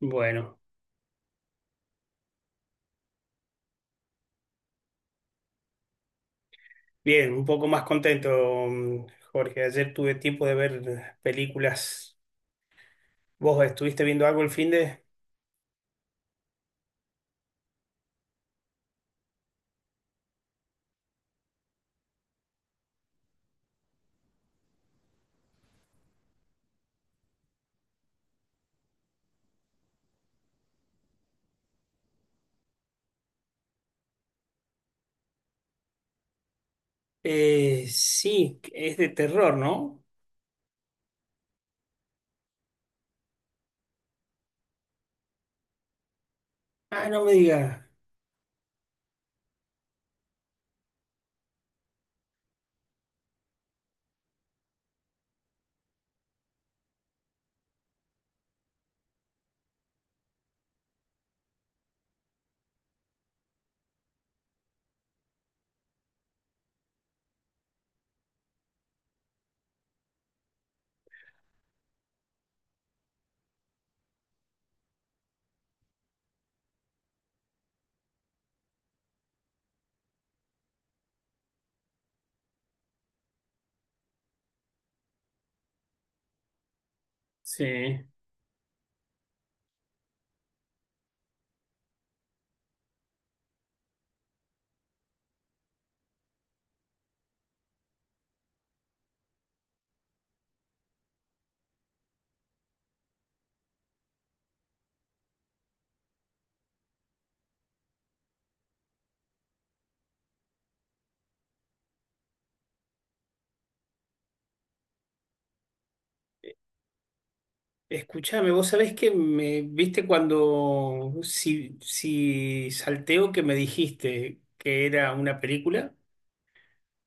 Bueno, bien, un poco más contento, mm, Jorge. Ayer tuve tiempo de ver películas. ¿Vos estuviste viendo algo el fin de? Sí, es de terror, ¿no? Ah, no me digas. Sí. Escúchame, vos sabés que me viste cuando, si salteo que me dijiste que era una película,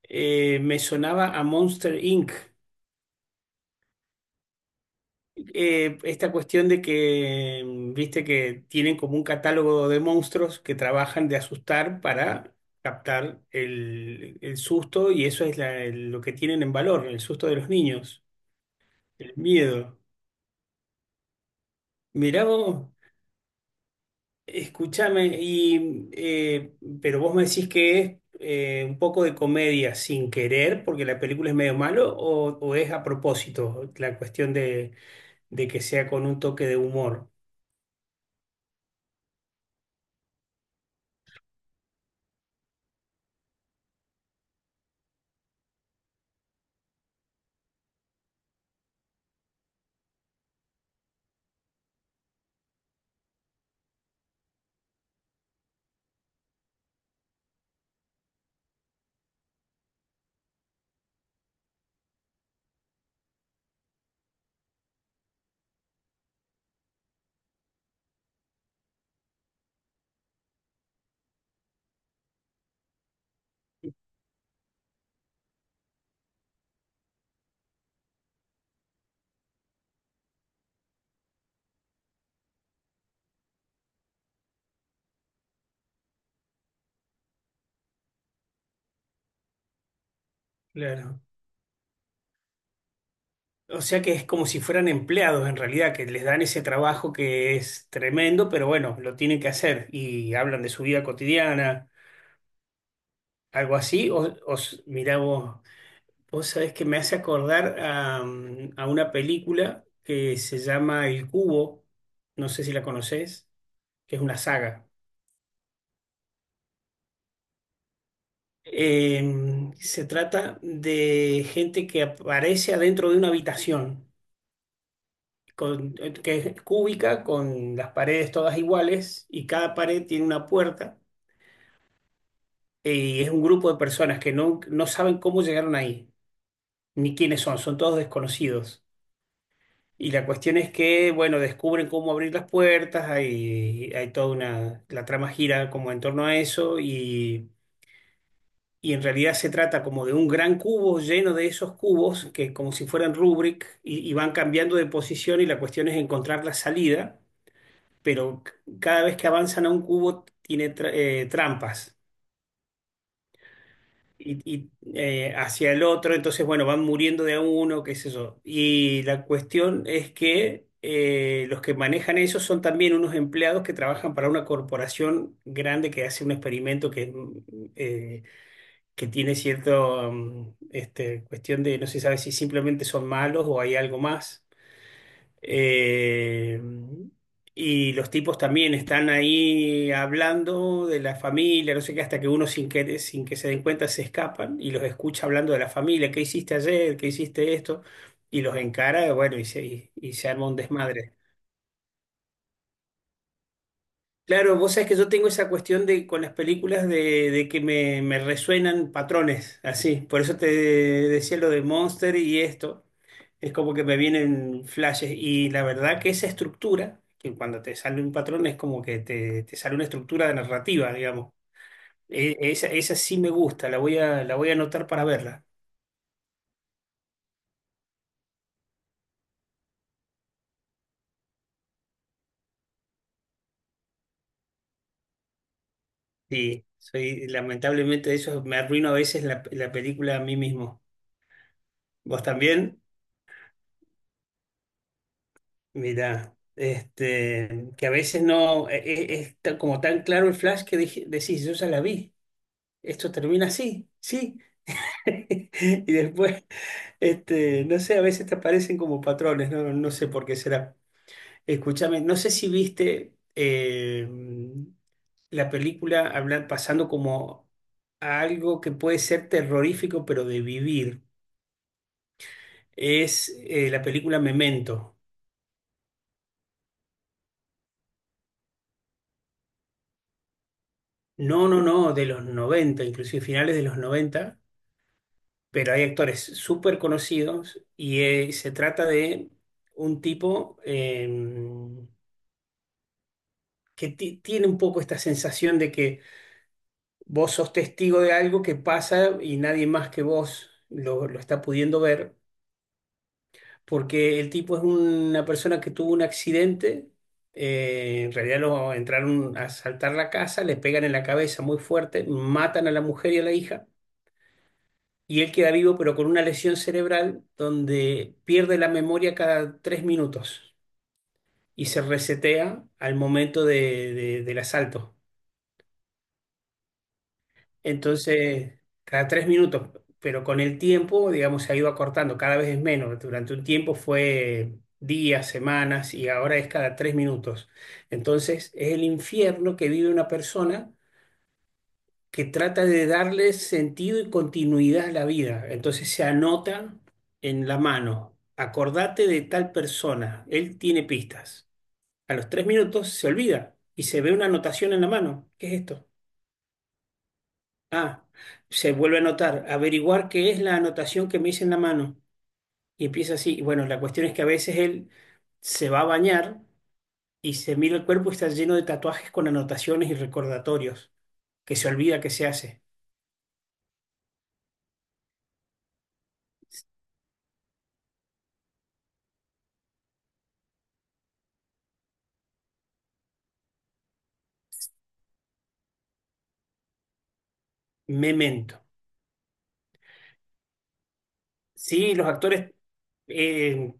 me sonaba a Monster Inc. Esta cuestión de que, viste, que tienen como un catálogo de monstruos que trabajan de asustar para captar el susto, y eso es lo que tienen en valor, el susto de los niños, el miedo. Mirá vos. Escúchame, pero vos me decís que es un poco de comedia sin querer, porque la película es medio malo, o es a propósito la cuestión de que sea con un toque de humor. Claro. O sea que es como si fueran empleados en realidad, que les dan ese trabajo que es tremendo, pero bueno, lo tienen que hacer y hablan de su vida cotidiana, algo así. Mirá vos, vos sabés que me hace acordar a una película que se llama El Cubo, no sé si la conocés, que es una saga. Se trata de gente que aparece adentro de una habitación, que es cúbica, con las paredes todas iguales y cada pared tiene una puerta. Y es un grupo de personas que no saben cómo llegaron ahí, ni quiénes son, son todos desconocidos. Y la cuestión es que, bueno, descubren cómo abrir las puertas. Hay toda la trama gira como en torno a eso, y en realidad se trata como de un gran cubo lleno de esos cubos que como si fueran rubrik, y van cambiando de posición, y la cuestión es encontrar la salida, pero cada vez que avanzan a un cubo tiene trampas. Hacia el otro, entonces, bueno, van muriendo de a uno, qué sé yo. Y la cuestión es que los que manejan eso son también unos empleados que trabajan para una corporación grande que hace un experimento eh, que tiene cierta, cuestión de, no se sabe si simplemente son malos o hay algo más. Eh, y los tipos también están ahí hablando de la familia, no sé qué, hasta que uno, sin que se den cuenta se escapan y los escucha hablando de la familia. ¿Qué hiciste ayer? ¿Qué hiciste esto? Y los encara, bueno, y se arma un desmadre. Claro, vos sabés que yo tengo esa cuestión de con las películas de que me resuenan patrones, así. Por eso te decía lo de Monster y esto. Es como que me vienen flashes. Y la verdad que esa estructura, que cuando te sale un patrón, es como que te sale una estructura de narrativa, digamos. Esa sí me gusta, la voy a anotar para verla. Sí, soy, lamentablemente eso me arruino a veces la película a mí mismo. ¿Vos también? Mira, que a veces no es como tan claro el flash, que decís, yo ya la vi, esto termina así, sí. Y después, no sé, a veces te aparecen como patrones, no, no sé por qué será. Escúchame, no sé si viste la película, hablan, pasando como a algo que puede ser terrorífico, pero de vivir. Es la película Memento. No, no, no, de los 90, inclusive finales de los 90. Pero hay actores súper conocidos, y se trata de un tipo que tiene un poco esta sensación de que vos sos testigo de algo que pasa y nadie más que vos lo está pudiendo ver, porque el tipo es una persona que tuvo un accidente. En realidad, lo entraron a asaltar la casa, le pegan en la cabeza muy fuerte, matan a la mujer y a la hija, y él queda vivo pero con una lesión cerebral donde pierde la memoria cada tres minutos y se resetea al momento del asalto. Entonces, cada tres minutos, pero con el tiempo, digamos, se ha ido acortando, cada vez es menos. Durante un tiempo fue días, semanas, y ahora es cada tres minutos. Entonces, es el infierno que vive una persona que trata de darle sentido y continuidad a la vida. Entonces se anota en la mano, acordate de tal persona, él tiene pistas. A los tres minutos se olvida y se ve una anotación en la mano. ¿Qué es esto? Ah, se vuelve a anotar, averiguar qué es la anotación que me hice en la mano. Y empieza así. Y bueno, la cuestión es que a veces él se va a bañar y se mira el cuerpo y está lleno de tatuajes con anotaciones y recordatorios, que se olvida que se hace. Memento. Sí, los actores. eh,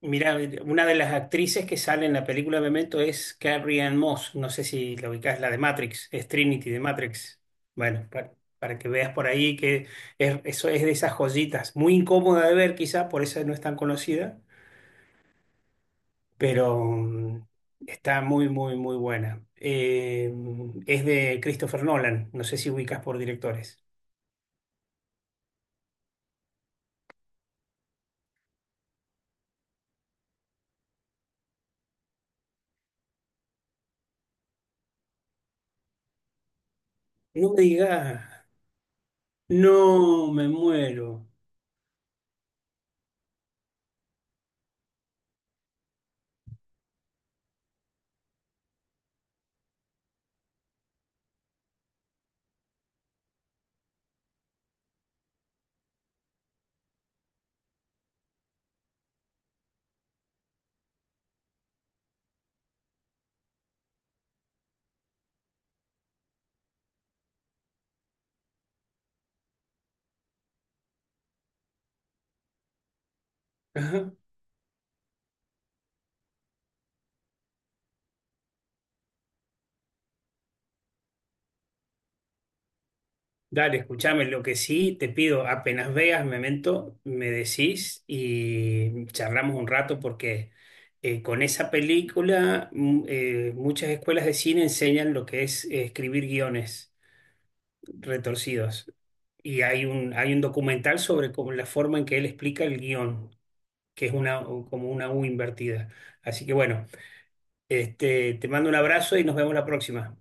Mira, una de las actrices que sale en la película Memento es Carrie Ann Moss. No sé si la ubicás, la de Matrix, es Trinity de Matrix. Bueno, para que veas por ahí que es, eso es de esas joyitas. Muy incómoda de ver, quizá, por eso no es tan conocida, pero está muy, muy, muy buena. Es de Christopher Nolan. No sé si ubicas por directores. No me digas, no me muero. Dale, escúchame, lo que sí te pido, apenas veas Memento, me decís y charlamos un rato, porque con esa película muchas escuelas de cine enseñan lo que es escribir guiones retorcidos, y hay un, documental sobre la forma en que él explica el guión, que es una, como una U invertida. Así que bueno, te mando un abrazo y nos vemos la próxima.